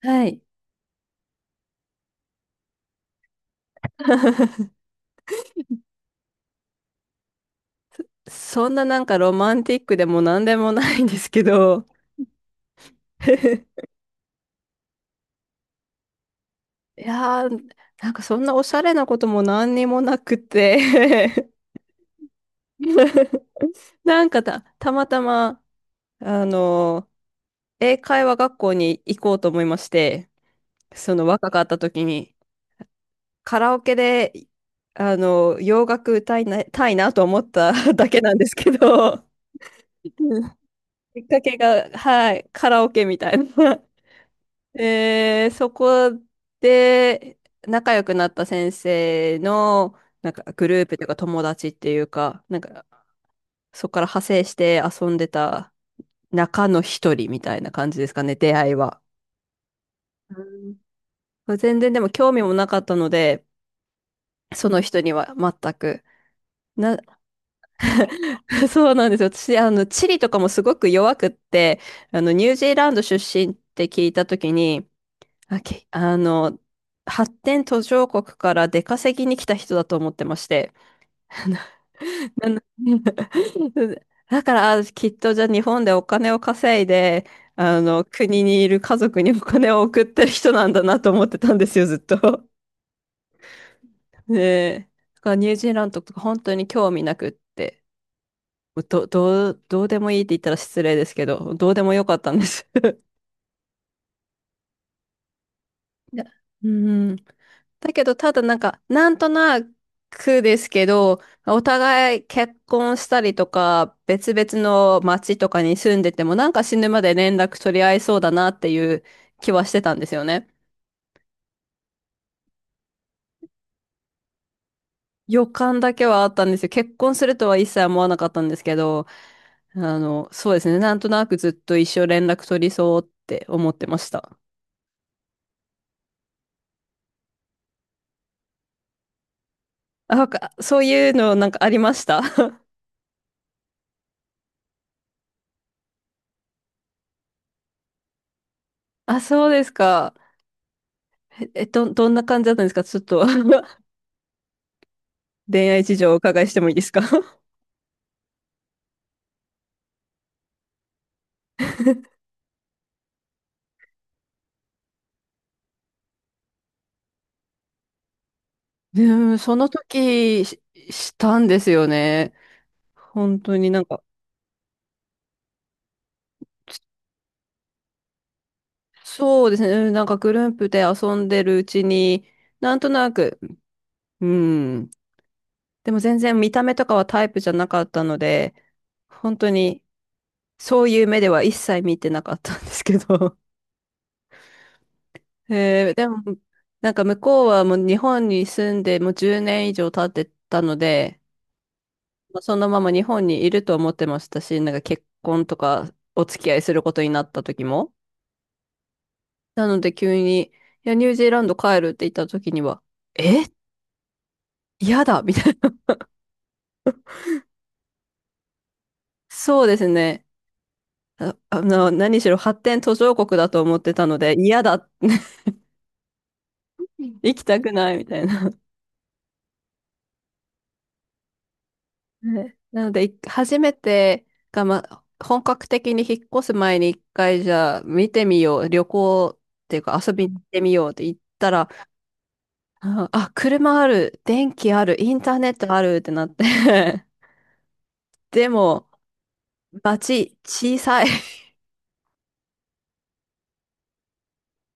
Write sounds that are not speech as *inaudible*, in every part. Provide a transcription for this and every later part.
はい。*laughs* そんななんかロマンティックでも何でもないんですけど、*laughs* いやー、なんかそんなおしゃれなことも何にもなくて。 *laughs* なんかたまたま、あの英会話学校に行こうと思いまして、その若かった時に、カラオケで、洋楽歌いたいなと思った *laughs* だけなんですけど、うん。きっかけが、はい、カラオケみたいな。そこで仲良くなった先生のなんかグループというか友達っていうか、なんかそこから派生して遊んでた中の一人みたいな感じですかね、出会いは。うん。全然でも興味もなかったので、その人には全く。な、*laughs* そうなんですよ。私、地理とかもすごく弱くって、ニュージーランド出身って聞いたときに、あ、け、あの、発展途上国から出稼ぎに来た人だと思ってまして。*laughs* なな *laughs* だから、きっとじゃあ日本でお金を稼いで、国にいる家族にお金を送ってる人なんだなと思ってたんですよ、ずっと。ねえ。だからニュージーランドとか本当に興味なくって、どうでもいいって言ったら失礼ですけど、どうでもよかったんです。いや。うん。だけど、ただなんか、なんとなくですけど、お互い結婚したりとか、別々の町とかに住んでても、なんか死ぬまで連絡取り合いそうだなっていう気はしてたんですよね。予感だけはあったんですよ。結婚するとは一切思わなかったんですけど、そうですね。なんとなくずっと一生連絡取りそうって思ってました。あ、なんかそういうのなんかありました。 *laughs* あ、そうですか。どんな感じだったんですかちょっと。 *laughs* 恋愛事情をお伺いしてもいいですか？ *laughs* うん。*laughs* でもその時したんですよね。本当になんか、そうですね。うん。なんかグループで遊んでるうちに、なんとなく、うん。でも全然見た目とかはタイプじゃなかったので、本当にそういう目では一切見てなかったんですけど。*laughs* でも、なんか向こうはもう日本に住んでもう10年以上経ってたので、そのまま日本にいると思ってましたし、なんか結婚とかお付き合いすることになった時も。なので急に、いや、ニュージーランド帰るって言った時には、え嫌だみたいな。*laughs* そうですね。何しろ発展途上国だと思ってたので、嫌だ。*laughs* 行きたくないみたいな。ね。なので、初めてが、まあ、本格的に引っ越す前に一回じゃあ見てみよう、旅行っていうか遊びに行ってみようって言ったら、うん。あ、車ある、電気ある、インターネットあるってなって。 *laughs* でも、小さい。 *laughs*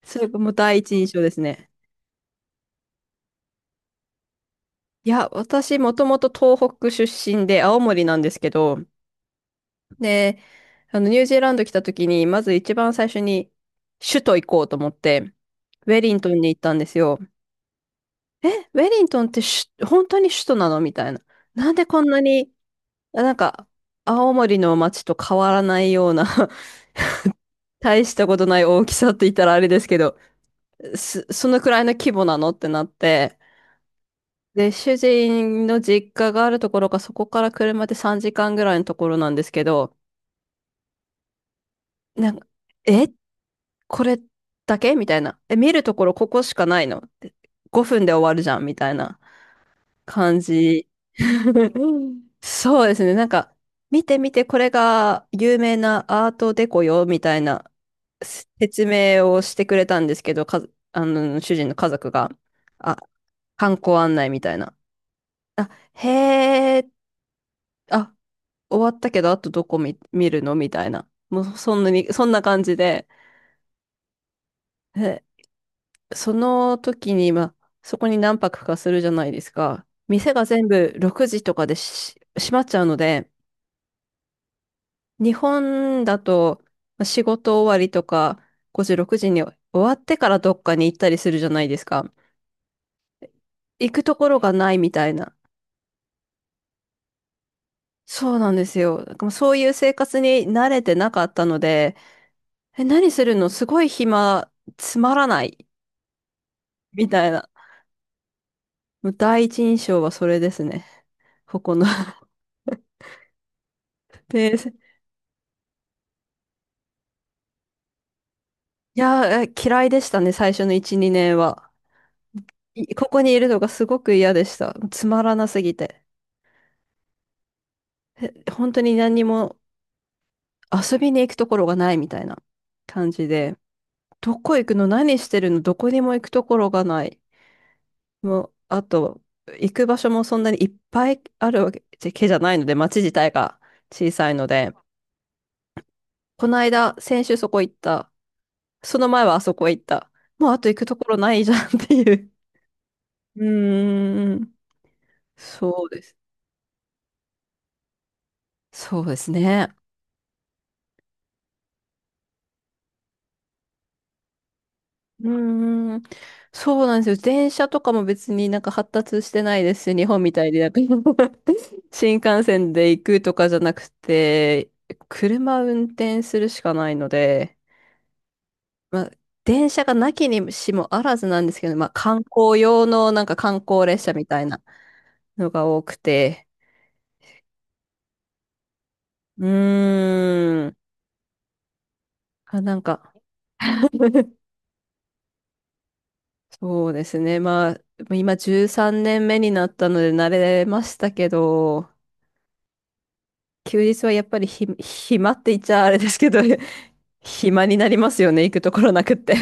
それがもう第一印象ですね。いや、私、もともと東北出身で、青森なんですけど、で、ニュージーランド来た時に、まず一番最初に、首都行こうと思って、ウェリントンに行ったんですよ。ウェリントンって本当に首都なのみたいな。なんでこんなに、なんか、青森の街と変わらないような *laughs* 大したことない大きさって言ったらあれですけど、そのくらいの規模なのってなって、で、主人の実家があるところがそこから車で3時間ぐらいのところなんですけど、なんか、え、これだけみたいな。見るところここしかないのっ？ 5 分で終わるじゃんみたいな。感じ。*laughs* そうですね。なんか、見て見て、これが有名なアートデコよ、みたいな説明をしてくれたんですけど、か、あの、主人の家族が、あ、観光案内みたいな。あ、へえ、あ、終わったけど、あとどこ見るのみたいな。もう、そんな感じで、で、その時に、まあ、そこに何泊かするじゃないですか。店が全部6時とかでし閉まっちゃうので、日本だとまあ仕事終わりとか5時、6時に終わってからどっかに行ったりするじゃないですか。行くところがないみたいな。そうなんですよ。なんかもうそういう生活に慣れてなかったので、何するのすごい暇、つまらない、みたいな。もう第一印象はそれですね。ここの。 *laughs* で、いや、嫌いでしたね、最初の1、2年は。ここにいるのがすごく嫌でした。つまらなすぎて。本当に何にも遊びに行くところがないみたいな感じで、どこ行くの何してるの、どこにも行くところがない。もう、あと、行く場所もそんなにいっぱいあるわけじゃないので、街自体が小さいので、この間、先週そこ行った。その前はあそこ行った。もうあと行くところないじゃんっていう。うーん。そうです。そうですね。うーん。そうなんですよ。電車とかも別になんか発達してないですし、日本みたいで。なんか。 *laughs* 新幹線で行くとかじゃなくて、車運転するしかないので、まあ、電車がなきにしもあらずなんですけど、まあ、観光用のなんか観光列車みたいなのが多くて、うーん、あ、なんか。 *laughs* そうですね、まあ、今13年目になったので慣れましたけど、休日はやっぱり暇って言っちゃあれですけど、*laughs* 暇になりますよね、行くところなくって。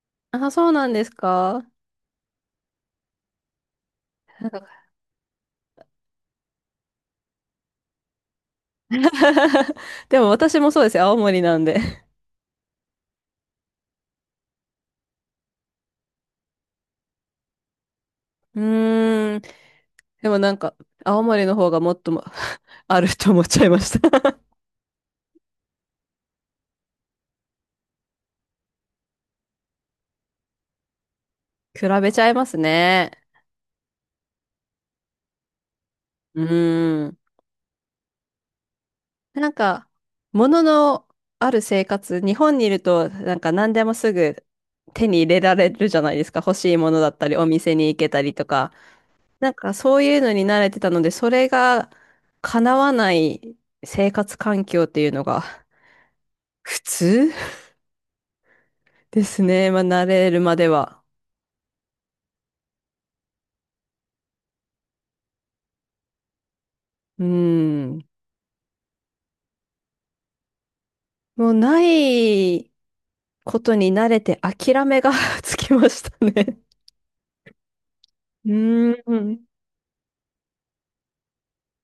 *laughs* あ、そうなんですか？ *laughs* でも私もそうですよ。青森なんで。うーん。でもなんか、青森の方がもっとも *laughs* あると思っちゃいました。 *laughs* 比べちゃいますね。うーん。なんか、もののある生活、日本にいると、なんか何でもすぐ手に入れられるじゃないですか。欲しいものだったり、お店に行けたりとか。なんかそういうのに慣れてたので、それが叶わない生活環境っていうのが普通ですね。まあ、慣れるまでは。うん。もうないことに慣れて諦めが *laughs* つきましたね。うん。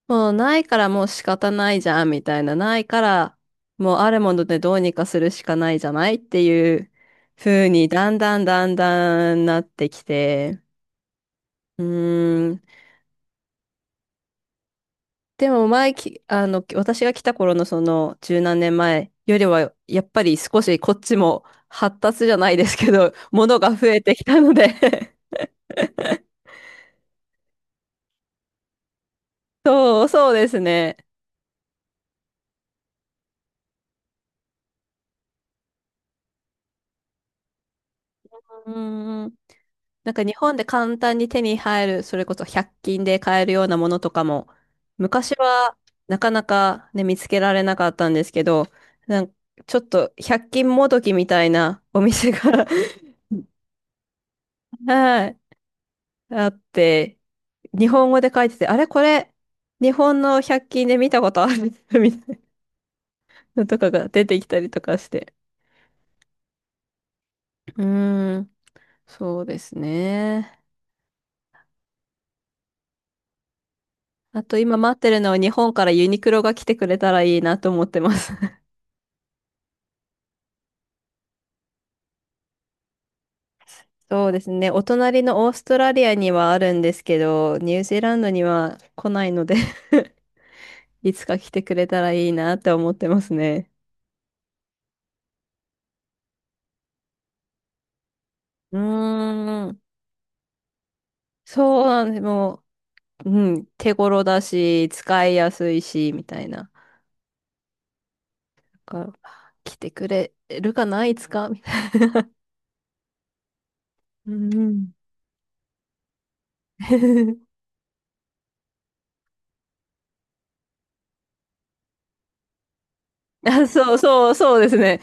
もうないからもう仕方ないじゃん、みたいな。ないから、もうあるものでどうにかするしかないじゃないっていう風に、だんだんだんだんなってきて。うん。でも前き、あの、私が来た頃のその十何年前よりは、やっぱり少しこっちも発達じゃないですけど、ものが増えてきたので *laughs* そうですね。うんん。なんか日本で簡単に手に入る、それこそ百均で買えるようなものとかも、昔はなかなかね、見つけられなかったんですけど、なんかちょっと百均もどきみたいなお店が *laughs* はい、あって、日本語で書いてて、あれこれ、日本の百均で見たことある *laughs* みたいなとかが出てきたりとかして。うーん、そうですね。あと今待ってるのは日本からユニクロが来てくれたらいいなと思ってます。*laughs* そうですね。お隣のオーストラリアにはあるんですけど、ニュージーランドには来ないので *laughs* いつか来てくれたらいいなって思ってますね。うーん。そうなんです。もう、うん、手頃だし、使いやすいし、みたいな。だから来てくれるかないつかみたいな、うんうん。 *laughs*。な。あ、そう、そう、そうですね。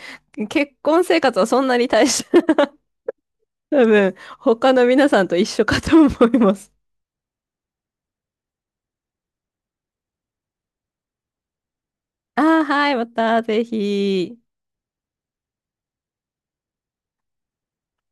結婚生活はそんなに大した、*laughs* 多分、他の皆さんと一緒かと思います。あー、はい、またぜひ。